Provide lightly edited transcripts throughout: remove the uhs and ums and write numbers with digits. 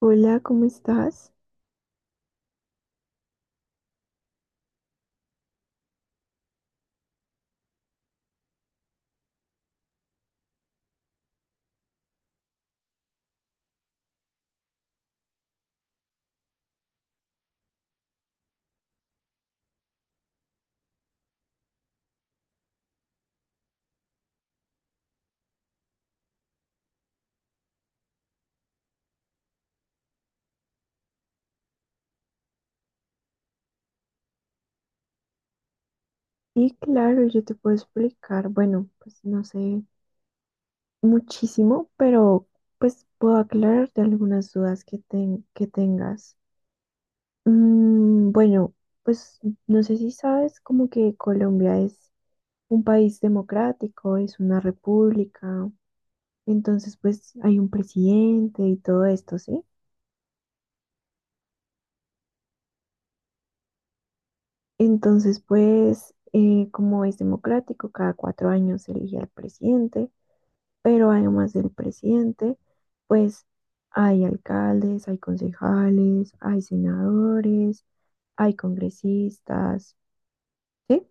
Hola, ¿cómo estás? Sí, claro, yo te puedo explicar, bueno, pues no sé muchísimo, pero pues puedo aclararte algunas dudas que tengas. Bueno, pues no sé si sabes como que Colombia es un país democrático, es una república, entonces pues hay un presidente y todo esto, ¿sí? Entonces pues como es democrático, cada 4 años se elige al presidente. Pero además del presidente, pues hay alcaldes, hay concejales, hay senadores, hay congresistas, ¿sí?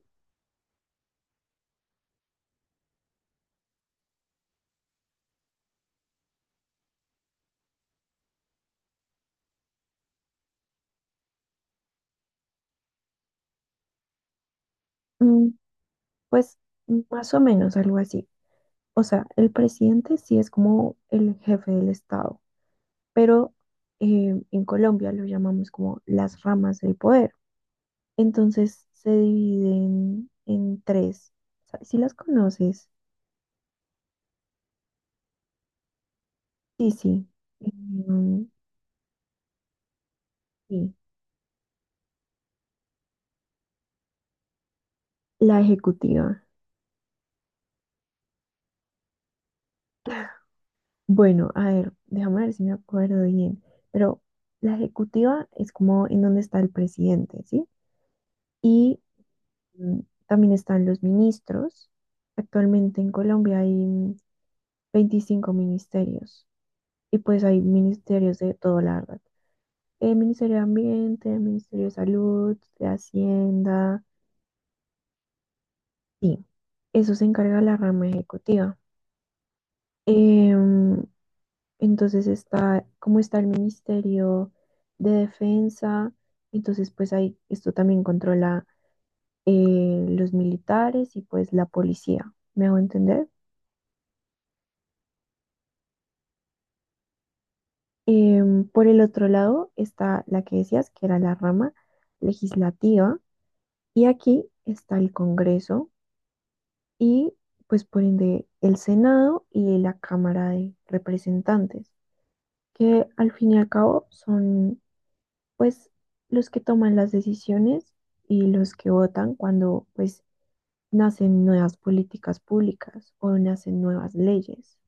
Mm, Pues más o menos algo así. O sea, el presidente sí es como el jefe del Estado, pero en Colombia lo llamamos como las ramas del poder. Entonces se dividen en tres. ¿Si las conoces? Sí, sí. Em, sí. La ejecutiva. Bueno, a ver, déjame ver si me acuerdo bien, pero la ejecutiva es como en donde está el presidente, ¿sí? Y mm, también están los ministros. Actualmente en Colombia hay 25 ministerios y pues hay ministerios de todo, la verdad. El Ministerio de Ambiente, el Ministerio de Salud, de Hacienda, sí, eso se encarga la rama ejecutiva. Em, Entonces está, como está el Ministerio de Defensa, entonces pues ahí esto también controla los militares y pues la policía, ¿me hago entender? Por el otro lado está la que decías, que era la rama legislativa, y aquí está el Congreso y pues por ende el Senado y la Cámara de Representantes, que al fin y al cabo son pues los que toman las decisiones y los que votan cuando pues nacen nuevas políticas públicas o nacen nuevas leyes.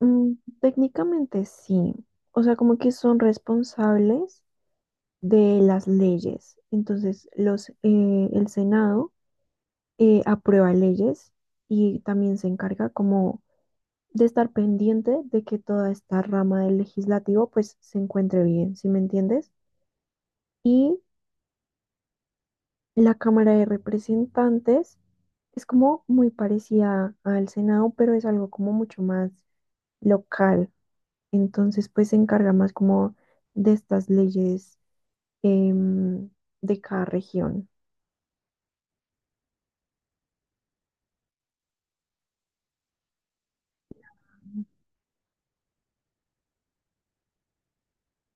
Mm, Técnicamente sí, o sea, como que son responsables de las leyes. Entonces, el Senado aprueba leyes y también se encarga como de estar pendiente de que toda esta rama del legislativo pues se encuentre bien, ¿sí me entiendes? Y la Cámara de Representantes es como muy parecida al Senado, pero es algo como mucho más local. Entonces, pues se encarga más como de estas leyes em, de cada región.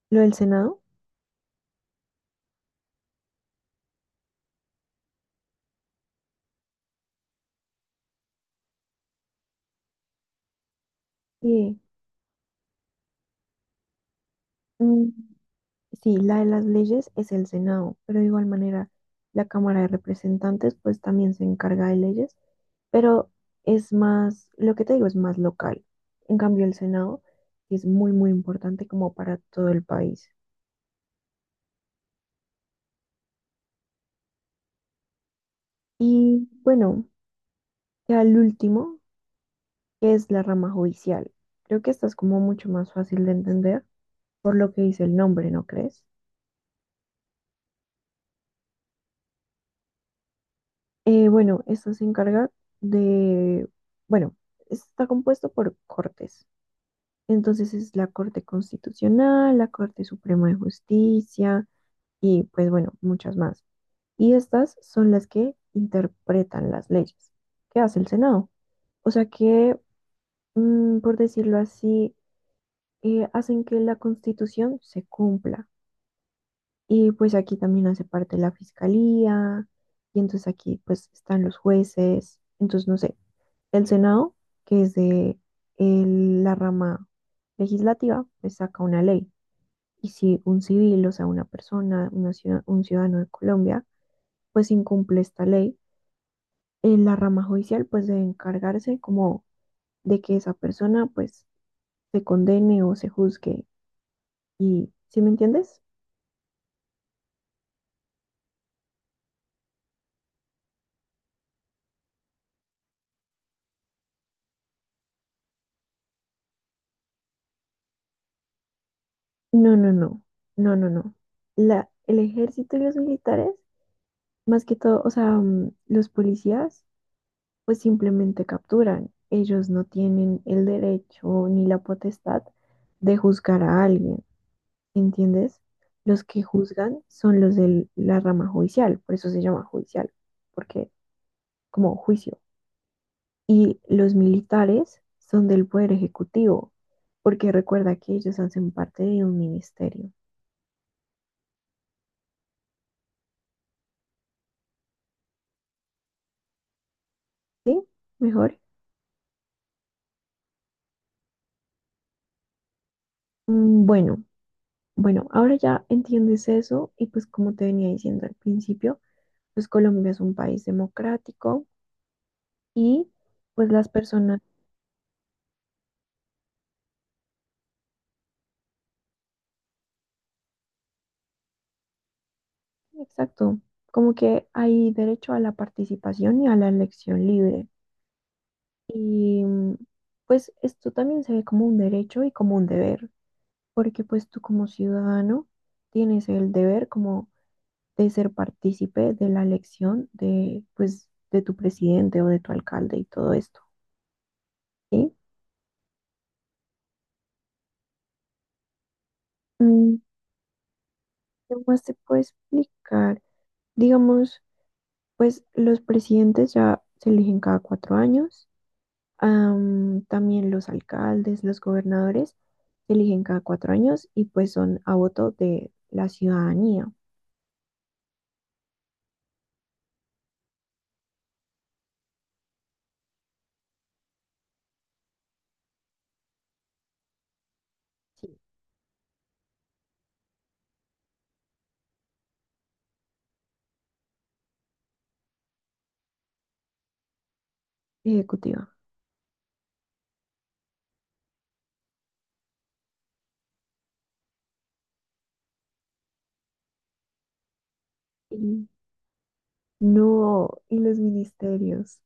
Lo del Senado, sí, mm, sí, la de las leyes es el Senado, pero de igual manera la Cámara de Representantes pues también se encarga de leyes, pero es más, lo que te digo es más local. En cambio, el Senado es muy, muy importante como para todo el país. Y bueno, ya el último, que es la rama judicial. Creo que esta es como mucho más fácil de entender por lo que dice el nombre, ¿no crees? Bueno, esta se encarga de, bueno, está compuesto por cortes. Entonces es la Corte Constitucional, la Corte Suprema de Justicia y pues bueno, muchas más. Y estas son las que interpretan las leyes que hace el Senado. O sea que, por decirlo así, hacen que la Constitución se cumpla. Y pues aquí también hace parte la Fiscalía, y entonces aquí pues están los jueces. Entonces, no sé, el Senado, que es de la rama legislativa, pues saca una ley. Y si un civil, o sea, una persona, un ciudadano de Colombia, pues incumple esta ley, la rama judicial pues debe encargarse como de que esa persona pues se condene o se juzgue. ¿Y si me entiendes? No, no, no, no, no, no. El ejército y los militares, más que todo, o sea, los policías pues simplemente capturan. Ellos no tienen el derecho ni la potestad de juzgar a alguien, ¿entiendes? Los que juzgan son los de la rama judicial, por eso se llama judicial, porque como juicio. Y los militares son del poder ejecutivo, porque recuerda que ellos hacen parte de un ministerio. ¿Sí? Mejor. Bueno, bueno, ahora ya entiendes eso y pues como te venía diciendo al principio, pues Colombia es un país democrático y pues las personas, exacto, como que hay derecho a la participación y a la elección libre. Y pues esto también se ve como un derecho y como un deber. Porque pues tú como ciudadano tienes el deber como de ser partícipe de la elección de pues de tu presidente o de tu alcalde y todo esto, ¿sí? Mm, ¿Qué más te puedo explicar? Digamos, pues los presidentes ya se eligen cada 4 años, también los alcaldes, los gobernadores se eligen cada 4 años y pues son a voto de la ciudadanía, sí, ejecutiva. Y no, y los ministerios.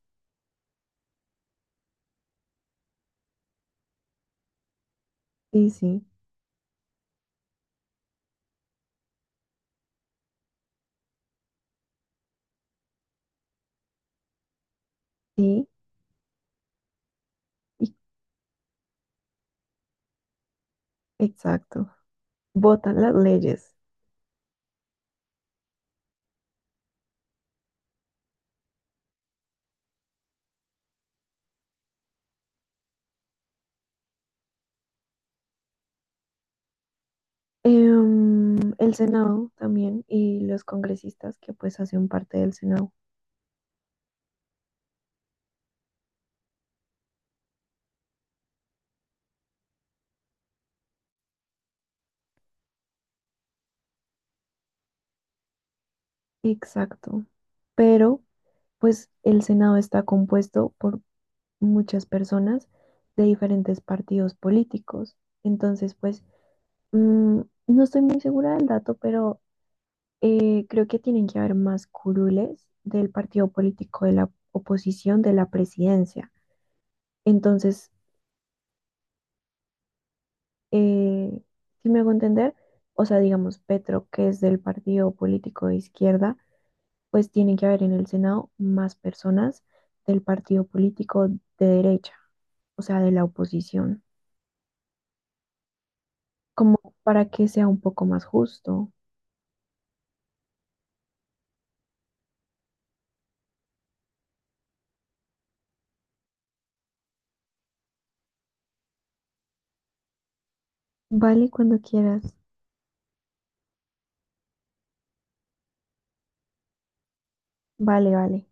Sí, sí, sí, y- exacto. Votan las leyes. El Senado también y los congresistas que pues hacen parte del Senado. Exacto. Pero pues el Senado está compuesto por muchas personas de diferentes partidos políticos. Entonces pues mm, no estoy muy segura del dato, pero creo que tienen que haber más curules del partido político de la oposición de la presidencia. Entonces eh, si me hago entender, o sea, digamos, Petro, que es del partido político de izquierda, pues tiene que haber en el Senado más personas del partido político de derecha, o sea, de la oposición, como para que sea un poco más justo. Vale, cuando quieras. Vale, vale.